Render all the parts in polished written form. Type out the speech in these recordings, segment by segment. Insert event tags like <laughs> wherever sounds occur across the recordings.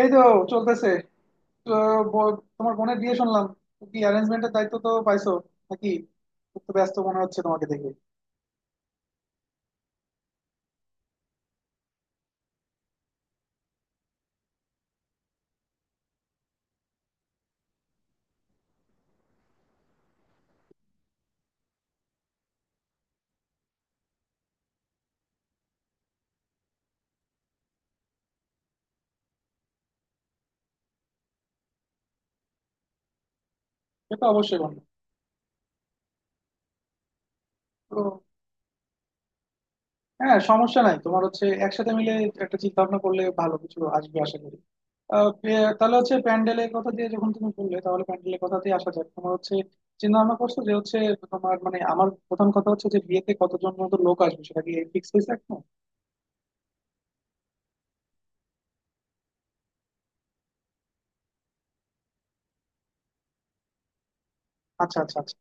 এই তো চলতেছে। তো তোমার বোনের বিয়ে শুনলাম, তো কি অ্যারেঞ্জমেন্টের দায়িত্ব তো পাইছো নাকি? খুব তো ব্যস্ত মনে হচ্ছে তোমাকে দেখে। সে তো অবশ্যই বন্ধু। তো হ্যাঁ, সমস্যা নাই, তোমার হচ্ছে একসাথে মিলে একটা চিন্তা ভাবনা করলে ভালো কিছু আসবে আশা করি। তাহলে হচ্ছে প্যান্ডেলের কথা দিয়ে, যখন তুমি বললে তাহলে প্যান্ডেলের কথা দিয়ে আসা যাক। তোমার হচ্ছে চিন্তা ভাবনা করছো যে হচ্ছে তোমার, মানে আমার প্রথম কথা হচ্ছে যে বিয়েতে কতজন মতো লোক আসবে সেটা কি ফিক্স হয়েছে এখন? আচ্ছা আচ্ছা আচ্ছা।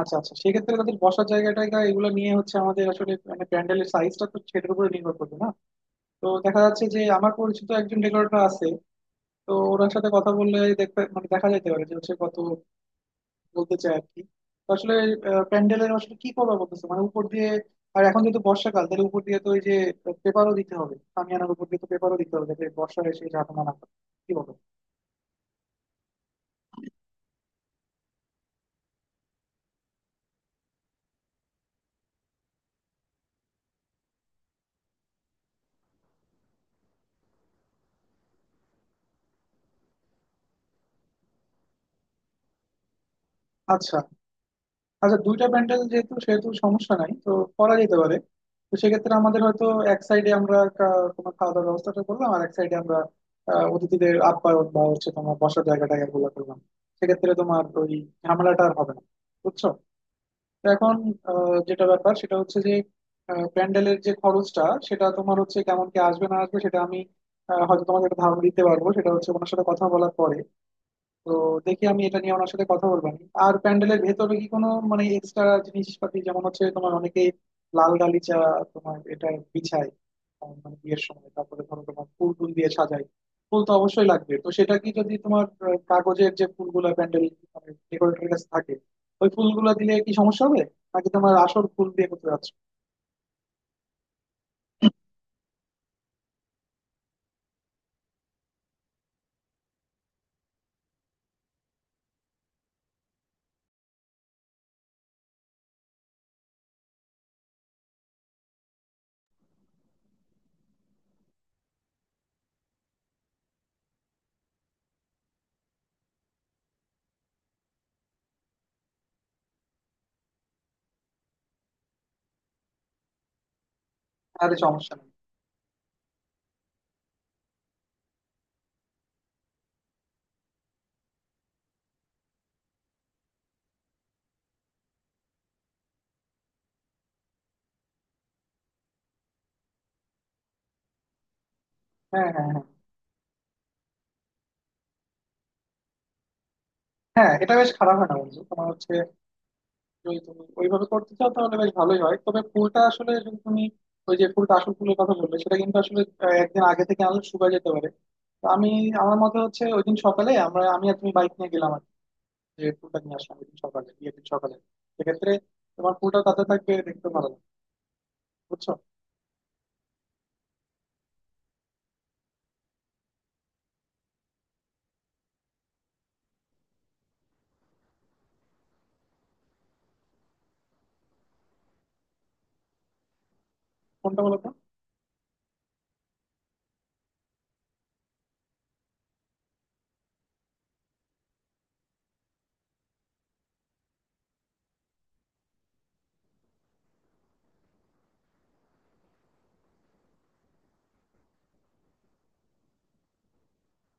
আচ্ছা আচ্ছা, সেক্ষেত্রে তাদের বসার জায়গা টায়গা এগুলো নিয়ে হচ্ছে আমাদের, আসলে মানে প্যান্ডেলের সাইজটা তো সেটার উপরে নির্ভর করবে না? তো দেখা যাচ্ছে যে আমার পরিচিত একজন ডেকোরেটর আছে, তো ওনার সাথে কথা বললে দেখতে মানে দেখা যেতে পারে যে হচ্ছে কত বলতে চায় আর কি। তো আসলে প্যান্ডেলের আসলে কি করবা বলতেছে মানে উপর দিয়ে, আর এখন যেহেতু বর্ষাকাল, তাহলে উপর দিয়ে তো ওই যে পেপারও দিতে হবে, আনার উপর দিয়ে তো পেপারও দিতে হবে যাতে বর্ষা এসে ঝাঁকুনা না করে। কি বলো? আচ্ছা আচ্ছা, দুইটা প্যান্ডেল যেহেতু সেহেতু সমস্যা নাই তো, করা যেতে পারে। তো সেক্ষেত্রে আমাদের হয়তো এক সাইডে আমরা তোমার খাওয়া দাওয়ার ব্যবস্থাটা করলাম, আর এক সাইডে আমরা অতিথিদের আপ্যায়ন বা হচ্ছে তোমার বসার জায়গা টায়গা গুলো করলাম। সেক্ষেত্রে তোমার ওই ঝামেলাটা আর হবে না, বুঝছো? তো এখন যেটা ব্যাপার সেটা হচ্ছে যে প্যান্ডেলের যে খরচটা, সেটা তোমার হচ্ছে কেমন কি আসবে না আসবে সেটা আমি হয়তো তোমাকে একটা ধারণা দিতে পারবো, সেটা হচ্ছে ওনার সাথে কথা বলার পরে। তো দেখি আমি এটা নিয়ে ওনার সাথে কথা বলবো আমি। আর প্যান্ডেলের ভেতরে কি কোনো মানে এক্সট্রা জিনিসপাতি, যেমন হচ্ছে তোমার অনেকেই লাল গালিচা তোমার এটা বিছায়, মানে বিয়ের সময় তারপরে ধরো তোমার ফুল টুল দিয়ে সাজায়। ফুল তো অবশ্যই লাগবে, তো সেটা কি যদি তোমার কাগজের যে ফুলগুলা প্যান্ডেল মানে ডেকোরেটরের কাছে থাকে, ওই ফুলগুলা দিলে কি সমস্যা হবে, নাকি তোমার আসল ফুল দিয়ে করতে যাচ্ছ? আরে সমস্যা নেই। হ্যাঁ হ্যাঁ হ্যাঁ। হ্যাঁ এটা বেশ খারাপ হয় না বন্ধু। তোমার হচ্ছে যদি তুমি ওইভাবে করতে চাও তাহলে বেশ ভালোই হয়, তবে ফুলটা আসলে যদি তুমি ওই যে ফুলটা আসল ফুলের কথা বললে, সেটা কিন্তু আসলে একদিন আগে থেকে আনলে শুকায় যেতে পারে। তো আমি, আমার মতে হচ্ছে ওই দিন সকালে আমরা, আমি আর তুমি বাইক নিয়ে গেলাম আর কি, যে ফুলটা নিয়ে আসলাম ওই দিন সকালে, বিয়ের দিন সকালে। সেক্ষেত্রে তোমার ফুলটা তাতে থাকবে, দেখতে ভালো লাগবে, বুঝছো? কোনটা বলো তো?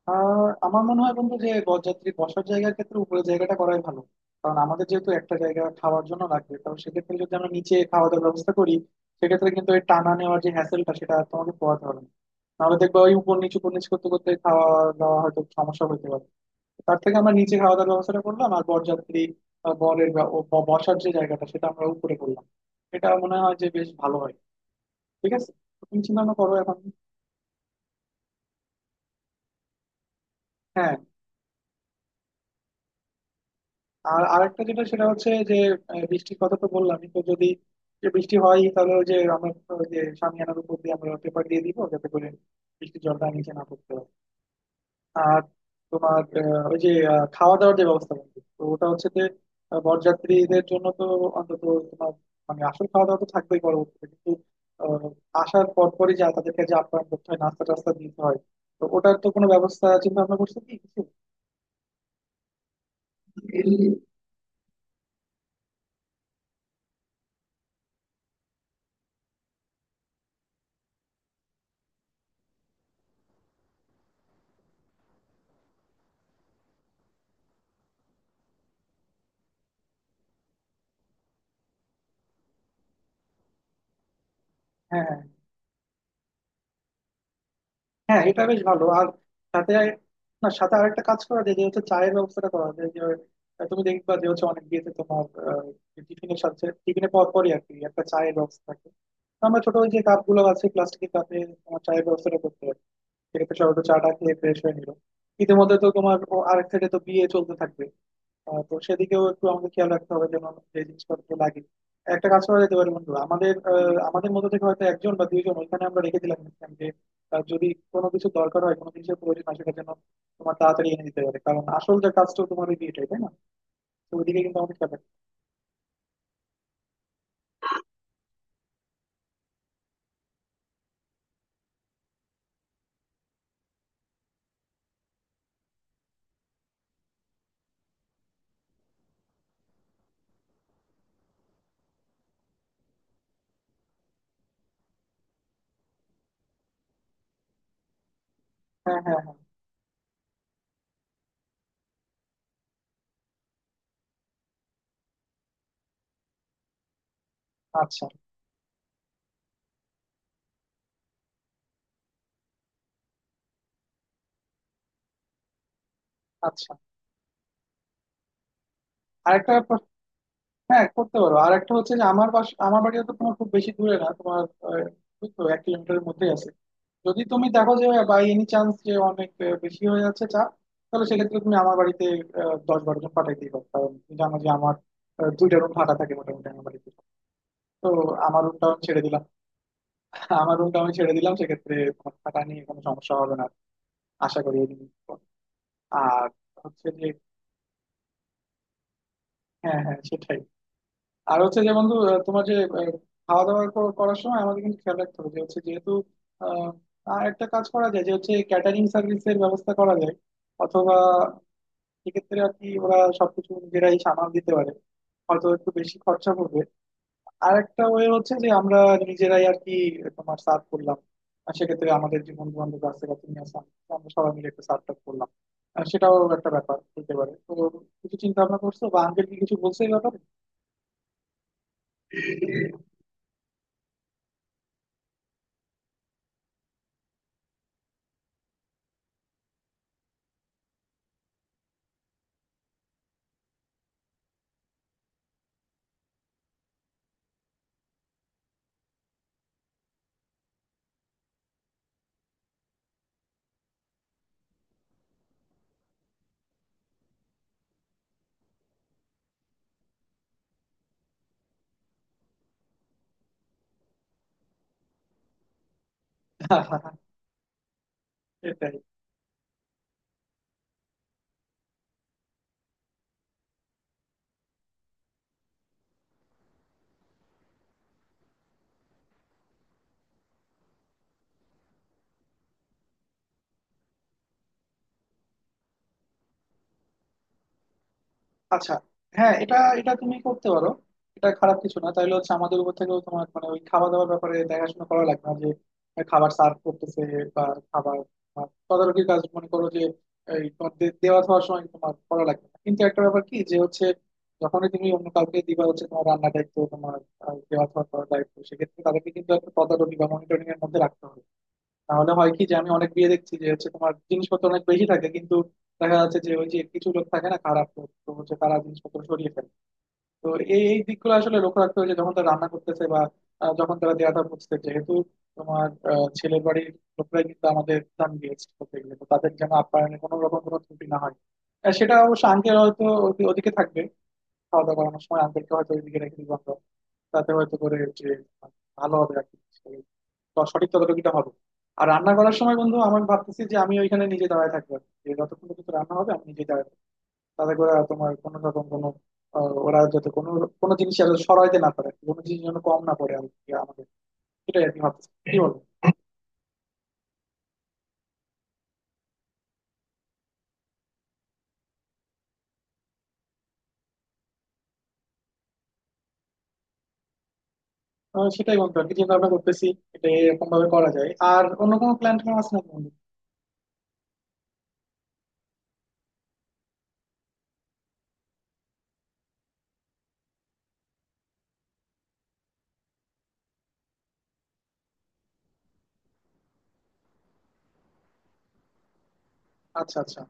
আর আমার মনে হয় বন্ধু যে বরযাত্রী বসার জায়গার ক্ষেত্রে উপরের জায়গাটা করাই ভালো, কারণ আমাদের যেহেতু একটা জায়গা খাওয়ার জন্য লাগবে, কারণ সেক্ষেত্রে যদি আমরা নিচে খাওয়া দাওয়ার ব্যবস্থা করি, সেক্ষেত্রে কিন্তু ওই টানা নেওয়ার যে হ্যাসেলটা সেটা আর তোমাকে পোহাতে হবে না। নাহলে দেখবা ওই উপর নিচু উপর নিচু করতে করতে খাওয়া দাওয়া হয়তো সমস্যা হতে পারে। তার থেকে আমরা নিচে খাওয়া দাওয়ার ব্যবস্থাটা করলাম, আর বরযাত্রী বা বরের বসার যে জায়গাটা সেটা আমরা উপরে করলাম, এটা মনে হয় যে বেশ ভালো হয়। ঠিক আছে, তুমি চিন্তা ভাবনা করো এখন। হ্যাঁ। আর আরেকটা যেটা সেটা হচ্ছে যে বৃষ্টির কথা তো বললামই, তো যদি যে বৃষ্টি হয় তাহলে ওই যে আমরা ওই যে শামিয়ানার উপর দিয়ে আমরা পেপার দিয়ে দিব যাতে করে বৃষ্টির জলটা নিচে না পড়তে হয়। আর তোমার ওই যে খাওয়া দাওয়ার যে ব্যবস্থা বলতে তো ওটা হচ্ছে যে বরযাত্রীদের জন্য তো অন্তত তোমার, মানে আসল খাওয়া দাওয়া তো থাকবেই পরবর্তীতে, কিন্তু আহ, আসার পর পরই যা তাদেরকে যে আপ্যায়ন করতে হয়, নাস্তা টাস্তা দিতে হয়, তো ওটার তো কোনো ব্যবস্থা চিন্তা ভাবনা করছে কি কিছু? হ্যাঁ হ্যাঁ। হ্যাঁ এটা বেশ ভালো। আর সাথে, না সাথে আরেকটা কাজ করা যায় যে হচ্ছে চায়ের ব্যবস্থাটা করা যায়, যে তুমি দেখবা যে হচ্ছে অনেক বিয়েতে তোমার টিফিনের সাথে, টিফিনের পর পরই আর কি একটা চায়ের ব্যবস্থা থাকে। তো আমরা ছোট ওই যে কাপ গুলো আছে প্লাস্টিকের কাপে তোমার চায়ের ব্যবস্থাটা করতে পারি। সেক্ষেত্রে সবাই একটু চাটা খেয়ে ফ্রেশ হয়ে নিল। ইতিমধ্যে তো তোমার ও আরেক সাইডে তো বিয়ে চলতে থাকবে। তো সেদিকেও একটু আমাদের খেয়াল রাখতে হবে যেন যে জিনিসপত্র লাগে। একটা কাজ করা যেতে পারে বন্ধু, আমাদের আমাদের মধ্যে থেকে হয়তো একজন বা দুইজন ওইখানে আমরা রেখে দিলাম ইনস্ট্যান্ট, যে যদি কোনো কিছু দরকার হয়, কোনো জিনিসের প্রয়োজন হয় সেটা যেন তোমার তাড়াতাড়ি এনে দিতে পারে, কারণ আসল যে কাজটা তোমার ওই বিয়েটাই, তাই না? তো ওইদিকে কিন্তু আমাদের খেয়াল রাখতে হবে। হ্যাঁ হ্যাঁ হ্যাঁ। আচ্ছা আচ্ছা। আরেকটা হ্যাঁ করতে পারো। আর একটা হচ্ছে যে আমার বাস, আমার বাড়িও তো তোমার খুব বেশি দূরে না তোমার, আহ, ওই তো এক কিলোমিটারের মধ্যেই আছে। যদি তুমি দেখো যে বাই এনি চান্স যে অনেক বেশি হয়ে যাচ্ছে চাপ, তাহলে সেক্ষেত্রে তুমি আমার বাড়িতে দশ বারো জন পাঠাই দিবা, কারণ তুমি জানো যে আমার দুইটা রুম ফাঁকা থাকে মোটামুটি আমার বাড়িতে। তো আমার রুমটা আমি ছেড়ে দিলাম। <laughs> আমার রুমটা আমি ছেড়ে দিলাম, সেক্ষেত্রে তোমার থাকা নিয়ে কোনো সমস্যা হবে না আশা করি এই জিনিসটা। আর হচ্ছে যে, হ্যাঁ হ্যাঁ সেটাই। আর হচ্ছে যে বন্ধু তোমার যে আহ, খাওয়া দাওয়া করার সময় আমাদের কিন্তু খেয়াল রাখতে হবে যে হচ্ছে যেহেতু আহ, আর একটা কাজ করা যায় যে হচ্ছে ক্যাটারিং সার্ভিসের ব্যবস্থা করা যায়, অথবা সেক্ষেত্রে আর কি ওরা সবকিছু নিজেরাই সামাল দিতে পারে, হয়তো একটু বেশি খরচা পড়বে। আর একটা ওয়ে হচ্ছে যে আমরা নিজেরাই আর কি তোমার সার্ভ করলাম, আর সেক্ষেত্রে আমাদের যে বন্ধু বান্ধব আছে বা তুমি আছো, আমরা সবাই মিলে একটা সার্ভ টার্ভ করলাম, আর সেটাও একটা ব্যাপার হতে পারে। তো কিছু চিন্তা ভাবনা করছো বা আঙ্কেল কি কিছু বলছে এই ব্যাপারে? <laughs> এটাই। আচ্ছা। হ্যাঁ এটা এটা তুমি করতে পারো, এটা খারাপ কিছু না। তাইলে হচ্ছে আমাদের উপর থেকেও তোমার মানে ওই খাওয়া দাওয়ার ব্যাপারে দেখাশোনা করা লাগবে না, যে খাবার সার্ভ করতেছে বা খাবার তোমার তদারকির কাজ, মনে করো যে এই তোমার দেওয়া খাওয়ার সময় তোমার করা লাগবে না। কিন্তু একটা ব্যাপার কি যে হচ্ছে, যখনই তুমি অন্য কাউকে দিবা হচ্ছে তোমার রান্নার দায়িত্ব, তোমার দেওয়া খাওয়া করার দায়িত্ব, সেক্ষেত্রে তাদেরকে কিন্তু একটা তদারকি বা মনিটরিং এর মধ্যে রাখতে হবে। তাহলে হয় কি যে, আমি অনেক বিয়ে দেখছি যে হচ্ছে তোমার জিনিসপত্র অনেক বেশি থাকে, কিন্তু দেখা যাচ্ছে যে ওই যে কিছু লোক থাকে না খারাপ লোক, তো হচ্ছে তারা জিনিসপত্র সরিয়ে ফেলে। তো এই এই দিকগুলো আসলে লক্ষ্য রাখতে হবে যে যখন তারা রান্না করতেছে বা যখন তারা দেয়া দেওয়াটা বুঝতে, যেহেতু তোমার ছেলের বাড়ির লোকরাই কিন্তু আমাদের দাম দিয়েছে করতে গেলে, তো তাদের যেন আপ্যায়নে কোনো রকম কোনো ত্রুটি না হয়। সেটা অবশ্য আঙ্কেল হয়তো ওদিকে থাকবে, খাওয়া দাওয়া করানোর সময় আঙ্কেলকে হয়তো ওইদিকে রেখে দিব আমরা, তাতে হয়তো করে যে ভালো হবে আর কি, সঠিক ততটুকুটা হবে। আর রান্না করার সময় বন্ধু আমি ভাবতেছি যে আমি ওইখানে নিজে দাঁড়ায় থাকবো আর কি। যে যতক্ষণ পর্যন্ত রান্না হবে আমি নিজে দাঁড়ায় থাকবো। তাতে করে আর তোমার কোনো রকম কোনো ওরা যাতে কোনো কোনো জিনিস যেন সরাইতে না পারে, কোনো জিনিস যেন কম না পড়ে আর কি আমাদের, সেটাই আর কি ভাবতেছি, কি বলবো? সেটাই বন্ধু আর কি চিন্তা ভাবনা করতেছি। এটা এরকম ভাবে করা যায়, আর অন্য কোনো প্ল্যান ট্যান আছে না বন্ধু? আচ্ছা আচ্ছা।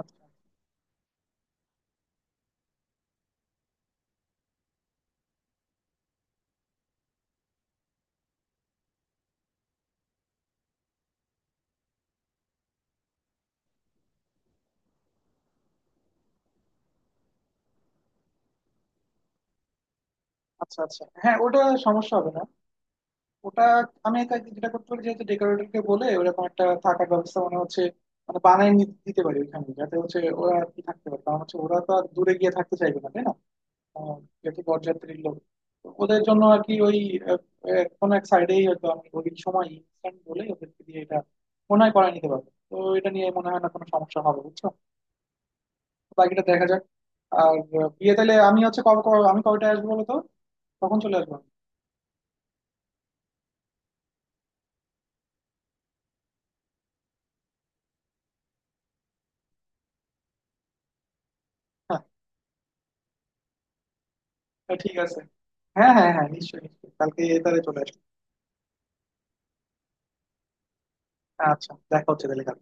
আচ্ছা আচ্ছা আচ্ছা। হ্যাঁ ওটা সমস্যা হবে না, ওটা আমি তাকে যেটা করতে পারি, যেহেতু ডেকোরেটর কে বলে ওরকম একটা থাকার ব্যবস্থা মানে হচ্ছে মানে দিতে পারি ওইখানে, যাতে হচ্ছে ওরা আর কি থাকতে পারে, কারণ হচ্ছে ওরা তো আর দূরে গিয়ে থাকতে চাইবে না তাই না, আহ, যেহেতু বরযাত্রীর লোক। তো ওদের জন্য আর কি ওই আহ, আহ, কোনো এক সাইডেই হয়তো আমি ওই সময় ইনস্ট্যান্ট বলে ওদেরকে দিয়ে এটা মনে হয় করায় নিতে পারবো। তো এটা নিয়ে মনে হয় না কোনো সমস্যা হবে, বুঝছো? বাকিটা দেখা যাক। আর বিয়ে তাহলে আমি হচ্ছে কবে কবে- আমি কবেটা আসবো বলো তো? তখন চলে আসবো আমি। হ্যাঁ ঠিক আছে। হ্যাঁ হ্যাঁ হ্যাঁ নিশ্চয়ই নিশ্চয়ই, কালকে তাহলে চলে আসবো। আচ্ছা দেখা হচ্ছে তাহলে।